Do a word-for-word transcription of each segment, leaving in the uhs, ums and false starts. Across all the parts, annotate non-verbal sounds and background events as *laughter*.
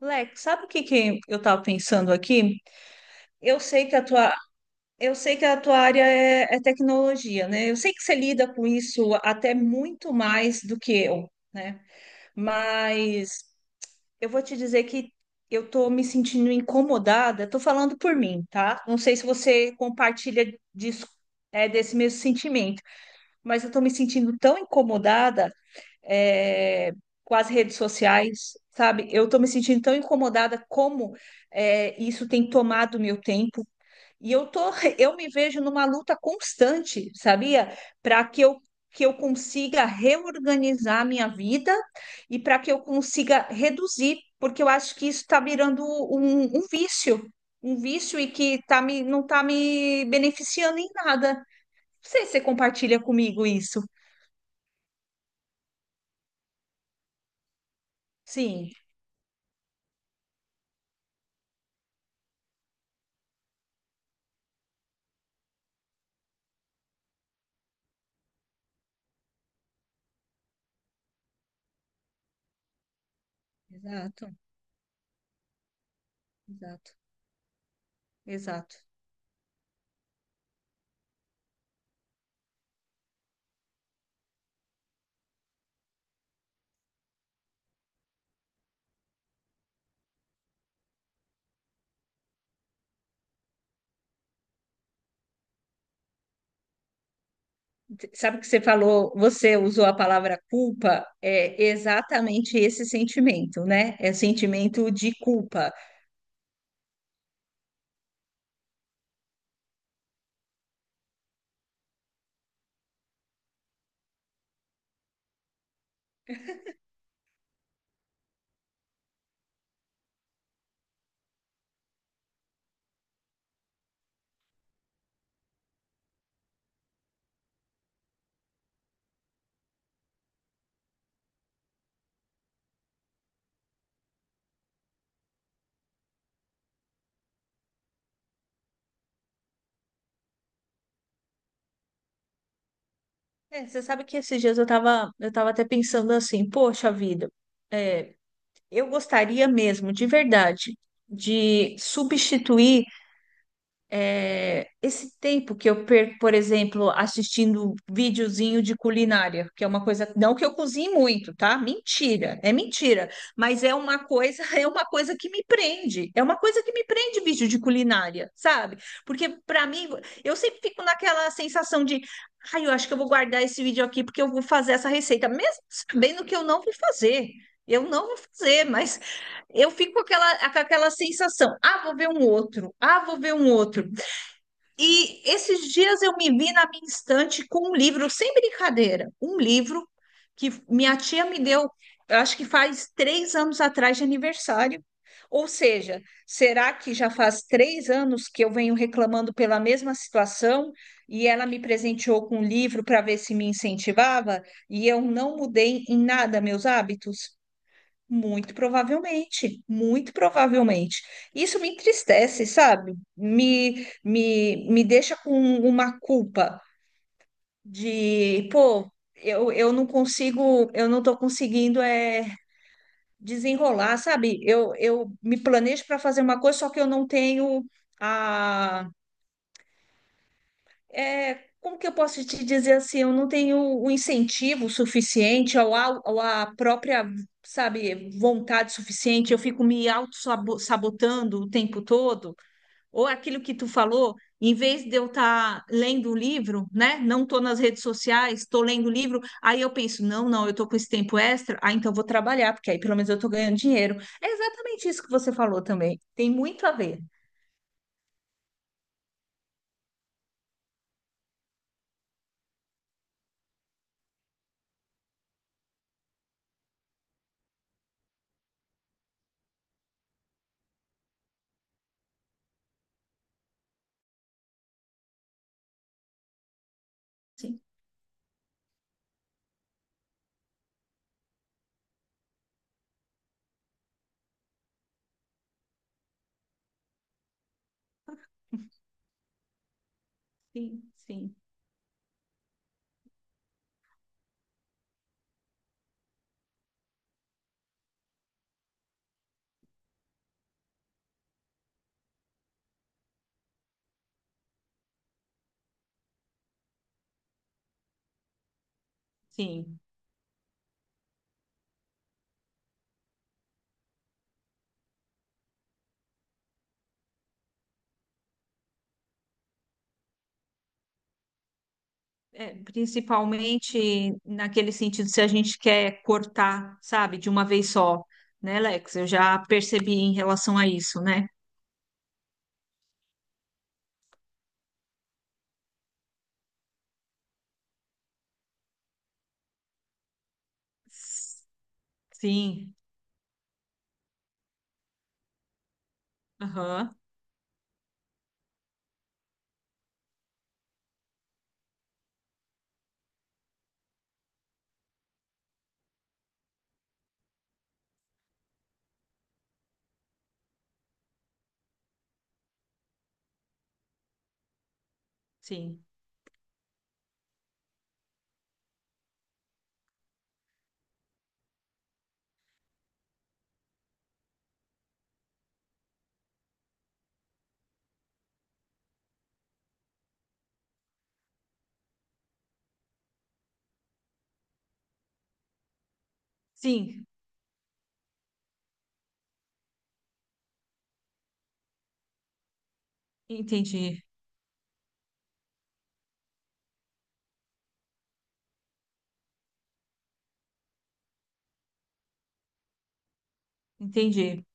Lex, sabe o que que eu estava pensando aqui? Eu sei que a tua, eu sei que a tua área é, é tecnologia, né? Eu sei que você lida com isso até muito mais do que eu, né? Mas eu vou te dizer que eu estou me sentindo incomodada, estou falando por mim, tá? Não sei se você compartilha disso, é, desse mesmo sentimento, mas eu estou me sentindo tão incomodada é, com as redes sociais, sabe? Eu tô me sentindo tão incomodada como é, isso tem tomado meu tempo. E eu tô, *laughs* eu me vejo numa luta constante, sabia? Para que eu que eu consiga reorganizar a minha vida e para que eu consiga reduzir, porque eu acho que isso está virando um, um vício, um vício e que tá me, não está me beneficiando em nada. Não sei se você compartilha comigo isso. Sim, exato, exato. Exato. Sabe que você falou, você usou a palavra culpa, é exatamente esse sentimento, né? É o sentimento de culpa. É, você sabe que esses dias eu tava, eu tava até pensando assim, poxa vida, eu gostaria mesmo, de verdade, de substituir é, esse tempo que eu perco, por exemplo, assistindo videozinho de culinária, que é uma coisa, não que eu cozinhe muito, tá? Mentira, é mentira, mas é uma coisa, *laughs* é uma coisa que me prende, é uma coisa que me prende vídeo de culinária, sabe? Porque para mim, eu sempre fico naquela sensação de, ai, eu acho que eu vou guardar esse vídeo aqui porque eu vou fazer essa receita, mesmo sabendo que eu não vou fazer. Eu não vou fazer, mas eu fico com aquela, com aquela sensação, ah, vou ver um outro, ah, vou ver um outro. E esses dias eu me vi na minha estante com um livro, sem brincadeira, um livro que minha tia me deu, eu acho que faz três anos atrás de aniversário. Ou seja, será que já faz três anos que eu venho reclamando pela mesma situação e ela me presenteou com um livro para ver se me incentivava e eu não mudei em nada meus hábitos? Muito provavelmente, muito provavelmente. Isso me entristece, sabe? Me, me, me deixa com uma culpa de, pô, eu, eu não consigo, eu não tô conseguindo é, desenrolar, sabe? Eu, eu me planejo para fazer uma coisa, só que eu não tenho é, como que eu posso te dizer assim? Eu não tenho o incentivo suficiente ou a, ou a própria, sabe, vontade suficiente. Eu fico me auto-sabotando o tempo todo. Ou aquilo que tu falou, em vez de eu estar lendo o livro, né? Não estou nas redes sociais, estou lendo o livro. Aí eu penso, não, não, eu estou com esse tempo extra, ah, então eu vou trabalhar, porque aí pelo menos eu estou ganhando dinheiro. É exatamente isso que você falou também. Tem muito a ver. Sim, sim, sim, sim. É, principalmente naquele sentido, se a gente quer cortar, sabe, de uma vez só, né, Lex? Eu já percebi em relação a isso, né? Sim, aham, sim, sim, entendi, entendi.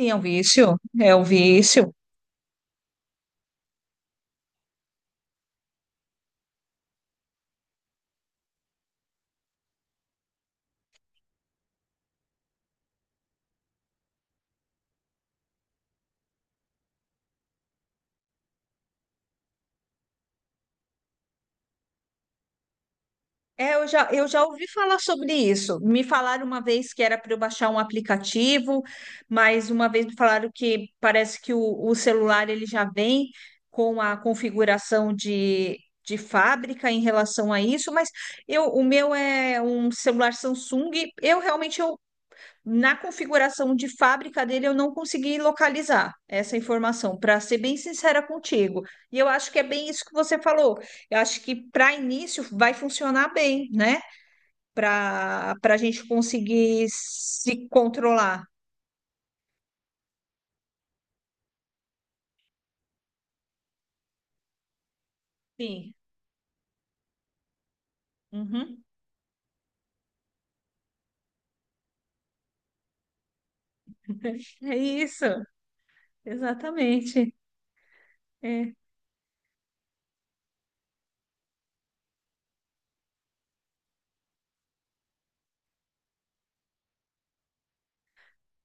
Sim, é um vício, é um vício. É, eu já, eu já ouvi falar sobre isso. Me falaram uma vez que era para eu baixar um aplicativo, mas uma vez me falaram que parece que o, o celular ele já vem com a configuração de, de fábrica em relação a isso, mas eu, o meu é um celular Samsung. Eu realmente eu, na configuração de fábrica dele, eu não consegui localizar essa informação, para ser bem sincera contigo. E eu acho que é bem isso que você falou. Eu acho que para início vai funcionar bem, né? Para para a gente conseguir se controlar. Sim. Uhum. É isso, exatamente. É,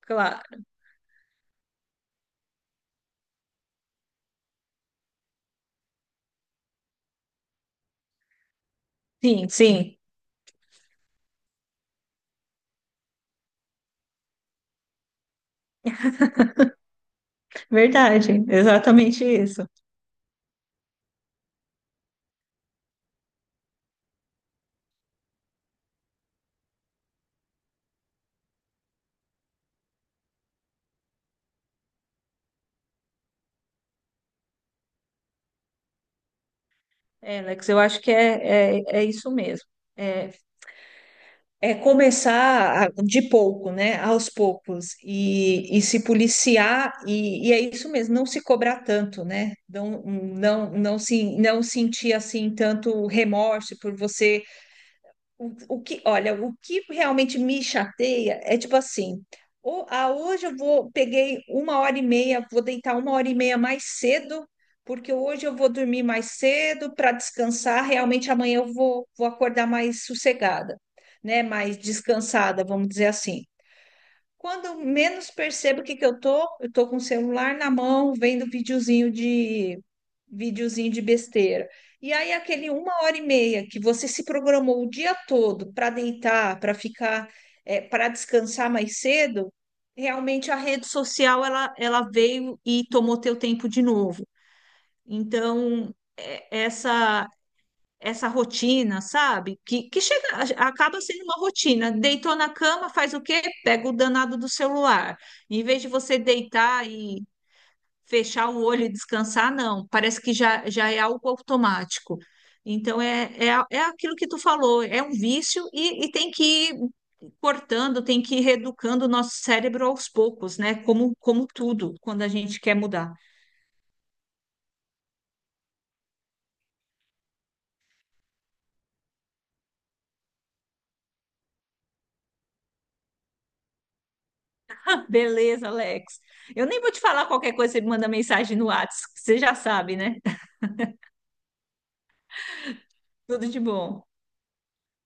claro. Sim, sim, verdade. Exatamente isso. É, Alex, eu acho que é, é, é isso mesmo. É, é começar a- de pouco, né? Aos poucos, e, e se policiar, e, e é isso mesmo, não se cobrar tanto, né? Não, não, não, se, não sentir assim tanto remorso por você o que, olha, o que realmente me chateia é tipo assim, ho- ah, hoje eu vou, peguei uma hora e meia, vou deitar uma hora e meia mais cedo, porque hoje eu vou dormir mais cedo para descansar, realmente amanhã eu vou, vou acordar mais sossegada, né? Mais descansada, vamos dizer assim. Quando eu menos percebo o que que eu tô, eu tô com o celular na mão, vendo videozinho de videozinho de besteira. E aí aquele uma hora e meia que você se programou o dia todo para deitar, para ficar, para descansar mais cedo, realmente a rede social ela, ela veio e tomou teu tempo de novo. Então, é- essa essa rotina, sabe? Que, que chega, a- acaba sendo uma rotina. Deitou na cama, faz o quê? Pega o danado do celular. Em vez de você deitar e fechar o olho e descansar, não. Parece que já, já é algo automático. Então, é, é, a- é aquilo que tu falou, é um vício e, e tem que ir cortando, tem que ir reeducando o nosso cérebro aos poucos, né? Como, como tudo, quando a gente quer mudar. Beleza, Alex. Eu nem vou te falar qualquer coisa, você me manda mensagem no WhatsApp, você já sabe, né? *laughs* Tudo de bom.